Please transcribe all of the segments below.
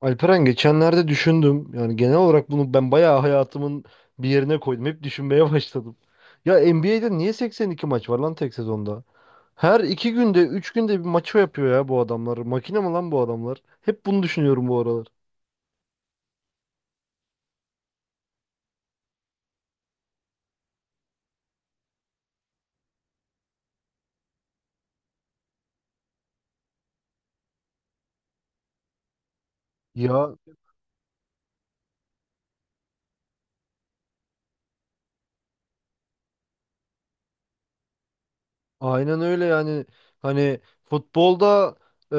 Alperen, geçenlerde düşündüm. Yani genel olarak bunu ben bayağı hayatımın bir yerine koydum. Hep düşünmeye başladım. Ya, NBA'de niye 82 maç var lan tek sezonda? Her iki günde, üç günde bir maçı yapıyor ya bu adamlar. Makine mi lan bu adamlar? Hep bunu düşünüyorum bu aralar. Ya aynen öyle yani. Hani futbolda e,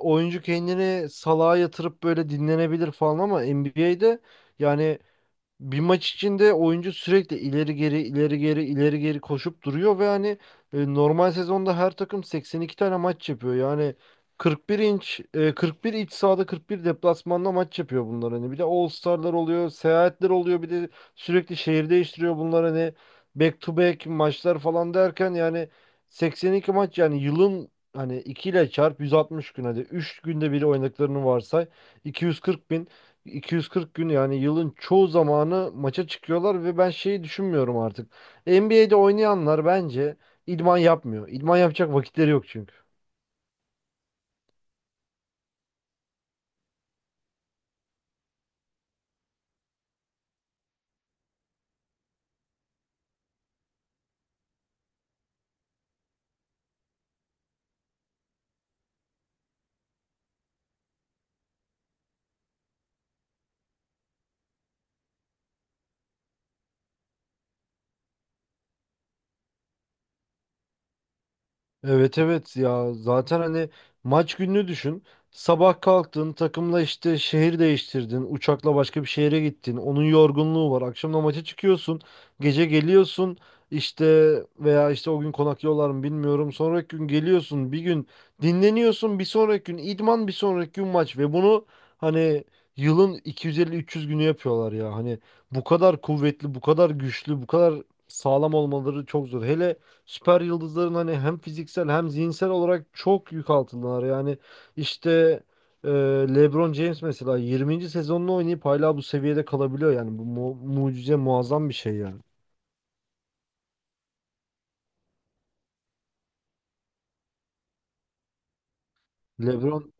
oyuncu kendini salağa yatırıp böyle dinlenebilir falan, ama NBA'de yani bir maç içinde oyuncu sürekli ileri geri ileri geri ileri geri koşup duruyor ve hani normal sezonda her takım 82 tane maç yapıyor. Yani 41 41 iç sahada 41 deplasmanda maç yapıyor bunlar hani. Bir de All-Star'lar oluyor, seyahatler oluyor, bir de sürekli şehir değiştiriyor bunlar, hani back to back maçlar falan derken yani 82 maç, yani yılın hani 2 ile çarp 160 gün, hadi 3 günde bir oynadıklarını varsay, 240.000 240 gün yani yılın çoğu zamanı maça çıkıyorlar ve ben şeyi düşünmüyorum artık. NBA'de oynayanlar bence idman yapmıyor. İdman yapacak vakitleri yok çünkü. Evet evet ya, zaten hani maç gününü düşün. Sabah kalktın, takımla işte şehir değiştirdin. Uçakla başka bir şehre gittin. Onun yorgunluğu var. Akşam da maça çıkıyorsun. Gece geliyorsun işte, veya işte o gün konaklıyorlar mı bilmiyorum. Sonraki gün geliyorsun. Bir gün dinleniyorsun. Bir sonraki gün idman, bir sonraki gün maç. Ve bunu hani yılın 250-300 günü yapıyorlar ya. Hani bu kadar kuvvetli, bu kadar güçlü, bu kadar sağlam olmaları çok zor. Hele süper yıldızların hani, hem fiziksel hem zihinsel olarak çok yük altındalar. Yani işte e, LeBron James mesela 20. sezonunu oynayıp hala bu seviyede kalabiliyor. Yani bu mucize, muazzam bir şey yani. LeBron.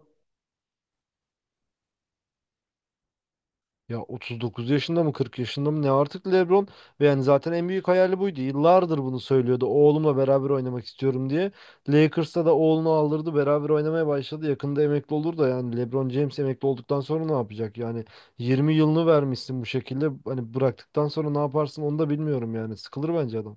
Ya 39 yaşında mı, 40 yaşında mı, ne artık LeBron, ve yani zaten en büyük hayali buydu. Yıllardır bunu söylüyordu. Oğlumla beraber oynamak istiyorum diye. Lakers'ta da oğlunu aldırdı, beraber oynamaya başladı. Yakında emekli olur da, yani LeBron James emekli olduktan sonra ne yapacak? Yani 20 yılını vermişsin bu şekilde. Hani bıraktıktan sonra ne yaparsın, onu da bilmiyorum yani. Sıkılır bence adam.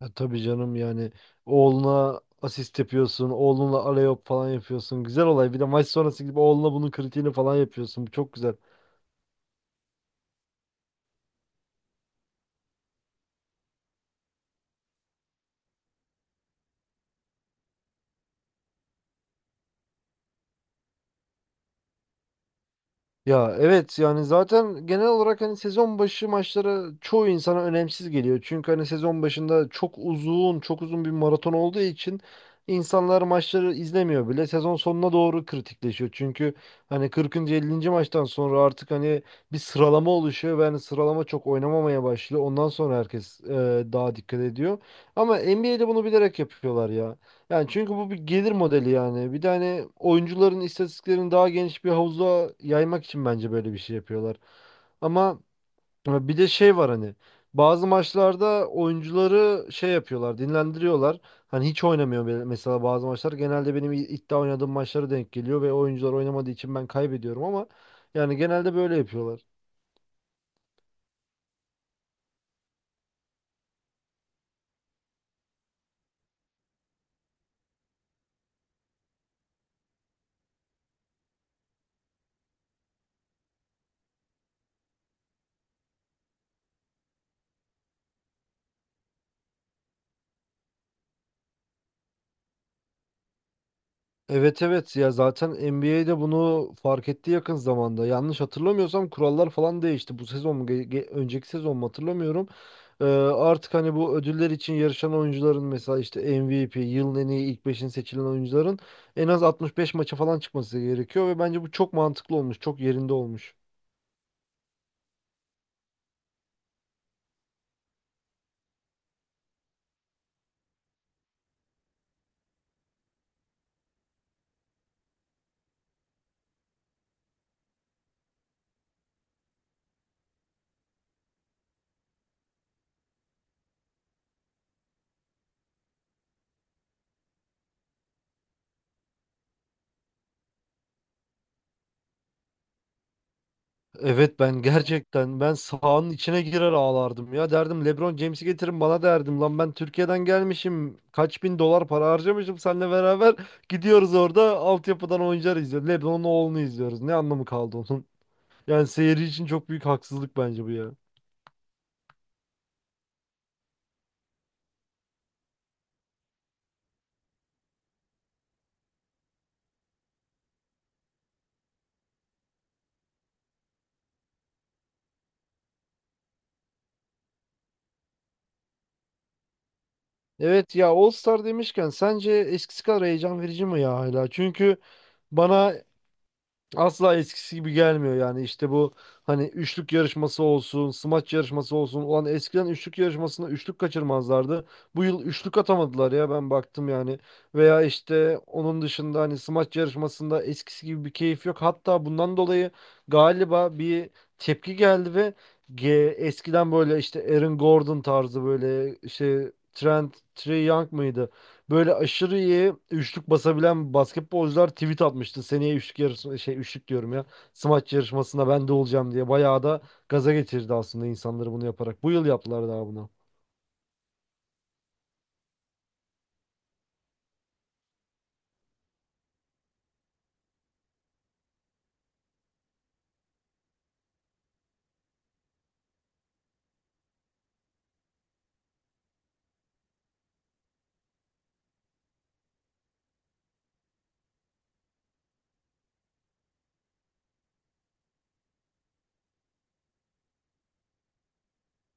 Ya tabii canım, yani oğluna asist yapıyorsun, oğlunla alley-oop falan yapıyorsun. Güzel olay. Bir de maç sonrası gibi oğluna bunun kritiğini falan yapıyorsun. Bu çok güzel. Ya evet, yani zaten genel olarak hani sezon başı maçları çoğu insana önemsiz geliyor. Çünkü hani sezon başında çok uzun, çok uzun bir maraton olduğu için insanlar maçları izlemiyor bile. Sezon sonuna doğru kritikleşiyor. Çünkü hani 40. 50. maçtan sonra artık hani bir sıralama oluşuyor ve hani sıralama çok oynamamaya başlıyor. Ondan sonra herkes daha dikkat ediyor. Ama NBA'de bunu bilerek yapıyorlar ya. Yani çünkü bu bir gelir modeli yani. Bir de hani oyuncuların istatistiklerini daha geniş bir havuza yaymak için bence böyle bir şey yapıyorlar. Ama bir de şey var hani, bazı maçlarda oyuncuları şey yapıyorlar, dinlendiriyorlar. Hani hiç oynamıyor mesela bazı maçlar. Genelde benim iddia oynadığım maçlara denk geliyor ve oyuncular oynamadığı için ben kaybediyorum, ama yani genelde böyle yapıyorlar. Evet evet ya, zaten NBA'de bunu fark etti yakın zamanda. Yanlış hatırlamıyorsam kurallar falan değişti. Bu sezon mu, önceki sezon mu hatırlamıyorum. Artık hani bu ödüller için yarışan oyuncuların, mesela işte MVP, yılın en iyi ilk beşin seçilen oyuncuların en az 65 maça falan çıkması gerekiyor ve bence bu çok mantıklı olmuş, çok yerinde olmuş. Evet, ben gerçekten ben sahanın içine girer ağlardım ya, derdim LeBron James'i getirin bana, derdim lan ben Türkiye'den gelmişim, kaç bin dolar para harcamışım, seninle beraber gidiyoruz orada altyapıdan oyuncular izliyoruz, LeBron'un oğlunu izliyoruz, ne anlamı kaldı onun, yani seyirci için çok büyük haksızlık bence bu ya. Evet ya, All Star demişken sence eskisi kadar heyecan verici mi ya hala? Çünkü bana asla eskisi gibi gelmiyor, yani işte bu hani üçlük yarışması olsun, smaç yarışması olsun. Ulan eskiden üçlük yarışmasında üçlük kaçırmazlardı. Bu yıl üçlük atamadılar ya, ben baktım yani. Veya işte onun dışında hani smaç yarışmasında eskisi gibi bir keyif yok. Hatta bundan dolayı galiba bir tepki geldi ve eskiden böyle işte Aaron Gordon tarzı, böyle işte Trey Young mıydı? Böyle aşırı iyi üçlük basabilen basketbolcular tweet atmıştı. Seneye üçlük yarışı, şey üçlük diyorum ya, smaç yarışmasında ben de olacağım diye. Bayağı da gaza getirdi aslında insanları bunu yaparak. Bu yıl yaptılar daha bunu.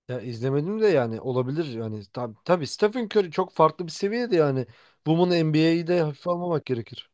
Ya izlemedim de, yani olabilir yani. Tabii Stephen Curry çok farklı bir seviyede yani. Bunun NBA'yi de hafife almamak gerekir.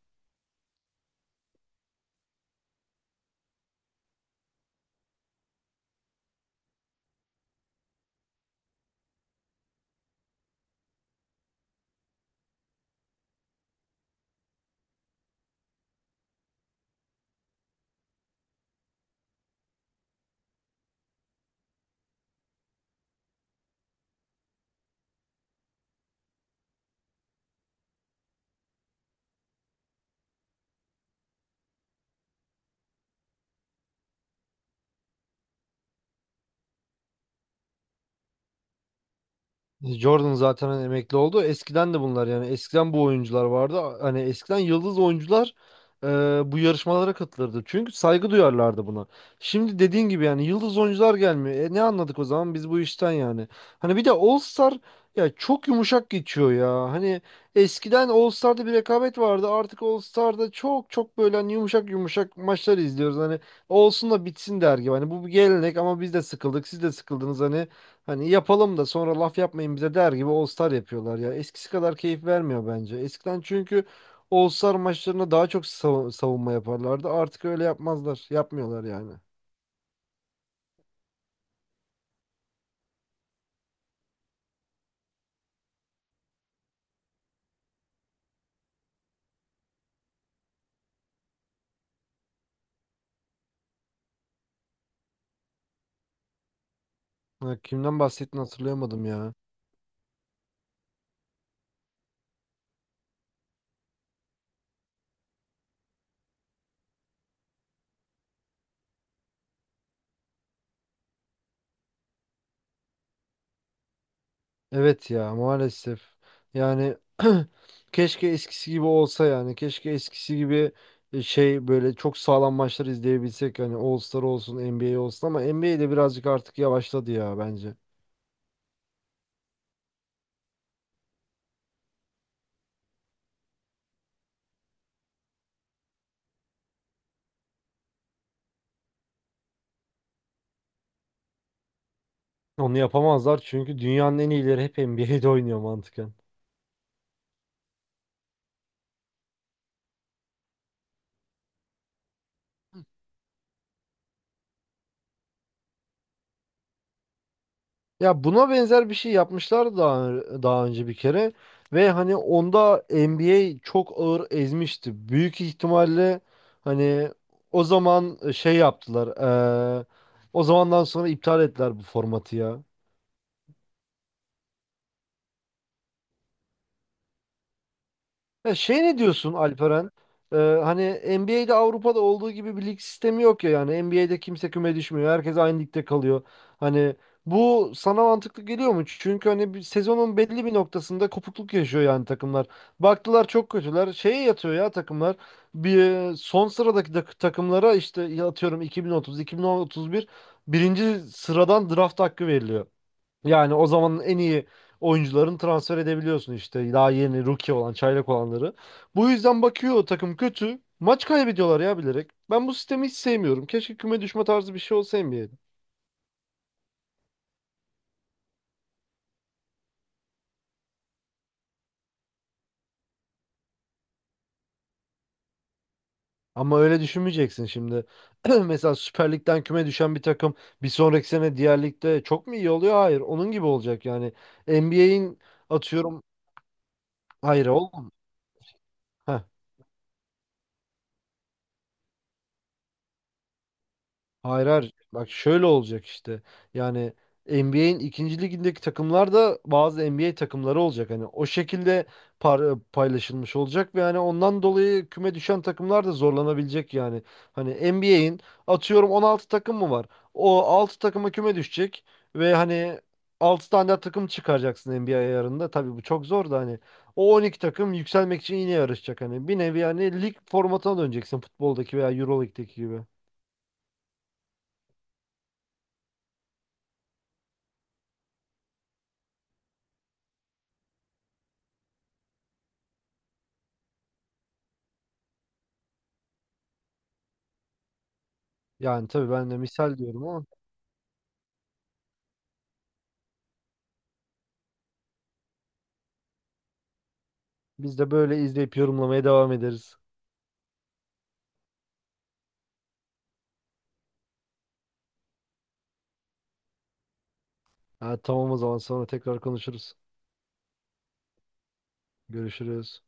Jordan zaten hani emekli oldu. Eskiden de bunlar yani. Eskiden bu oyuncular vardı. Hani eskiden yıldız oyuncular e, bu yarışmalara katılırdı. Çünkü saygı duyarlardı buna. Şimdi dediğin gibi yani yıldız oyuncular gelmiyor. Ne anladık o zaman biz bu işten yani. Hani bir de All Star ya, çok yumuşak geçiyor ya. Hani eskiden All Star'da bir rekabet vardı. Artık All Star'da çok çok böyle hani yumuşak yumuşak maçları izliyoruz. Hani olsun da bitsin der gibi. Hani bu bir gelenek, ama biz de sıkıldık, siz de sıkıldınız hani. Hani yapalım da sonra laf yapmayın bize der gibi All Star yapıyorlar ya. Eskisi kadar keyif vermiyor bence. Eskiden çünkü All Star maçlarına daha çok savunma yaparlardı. Artık öyle yapmazlar. Yapmıyorlar yani. Ha, kimden bahsettiğini hatırlayamadım ya. Evet ya, maalesef. Yani keşke eskisi gibi olsa yani. Keşke eskisi gibi şey, böyle çok sağlam maçlar izleyebilsek. Hani All Star olsun, NBA olsun, ama N B A de birazcık artık yavaşladı ya bence. Onu yapamazlar çünkü dünyanın en iyileri hep NBA'de oynuyor mantıken. Ya buna benzer bir şey yapmışlar daha önce bir kere, ve hani onda NBA çok ağır ezmişti. Büyük ihtimalle hani o zaman şey yaptılar. eee, O zamandan sonra iptal ettiler bu formatı ya. Ya şey, ne diyorsun Alperen? Ee, Hani NBA'de Avrupa'da olduğu gibi bir lig sistemi yok ya yani. NBA'de kimse küme düşmüyor. Herkes aynı ligde kalıyor. Hani bu sana mantıklı geliyor mu? Çünkü hani bir sezonun belli bir noktasında kopukluk yaşıyor yani takımlar. Baktılar çok kötüler, şeye yatıyor ya takımlar. Bir son sıradaki takımlara işte, ya atıyorum 2030, 2031 birinci sıradan draft hakkı veriliyor. Yani o zamanın en iyi oyuncularını transfer edebiliyorsun işte, daha yeni rookie olan, çaylak olanları. Bu yüzden bakıyor o takım kötü, maç kaybediyorlar ya bilerek. Ben bu sistemi hiç sevmiyorum. Keşke küme düşme tarzı bir şey olsa NBA'de. Ama öyle düşünmeyeceksin şimdi. Mesela Süper Lig'den küme düşen bir takım bir sonraki sene diğer ligde çok mu iyi oluyor? Hayır. Onun gibi olacak yani. NBA'in atıyorum. Hayır oğlum. Hayır, hayır. Bak şöyle olacak işte. Yani NBA'in ikinci ligindeki takımlar da bazı NBA takımları olacak. Hani o şekilde paylaşılmış olacak ve hani ondan dolayı küme düşen takımlar da zorlanabilecek yani. Hani NBA'in atıyorum 16 takım mı var? O 6 takıma küme düşecek ve hani 6 tane daha takım çıkaracaksın NBA ayarında. Tabii bu çok zor da, hani o 12 takım yükselmek için yine yarışacak hani. Bir nevi yani lig formatına döneceksin, futboldaki veya Euroleague'deki gibi. Yani tabii ben de misal diyorum ama, biz de böyle izleyip yorumlamaya devam ederiz. Ha, tamam, o zaman sonra tekrar konuşuruz. Görüşürüz.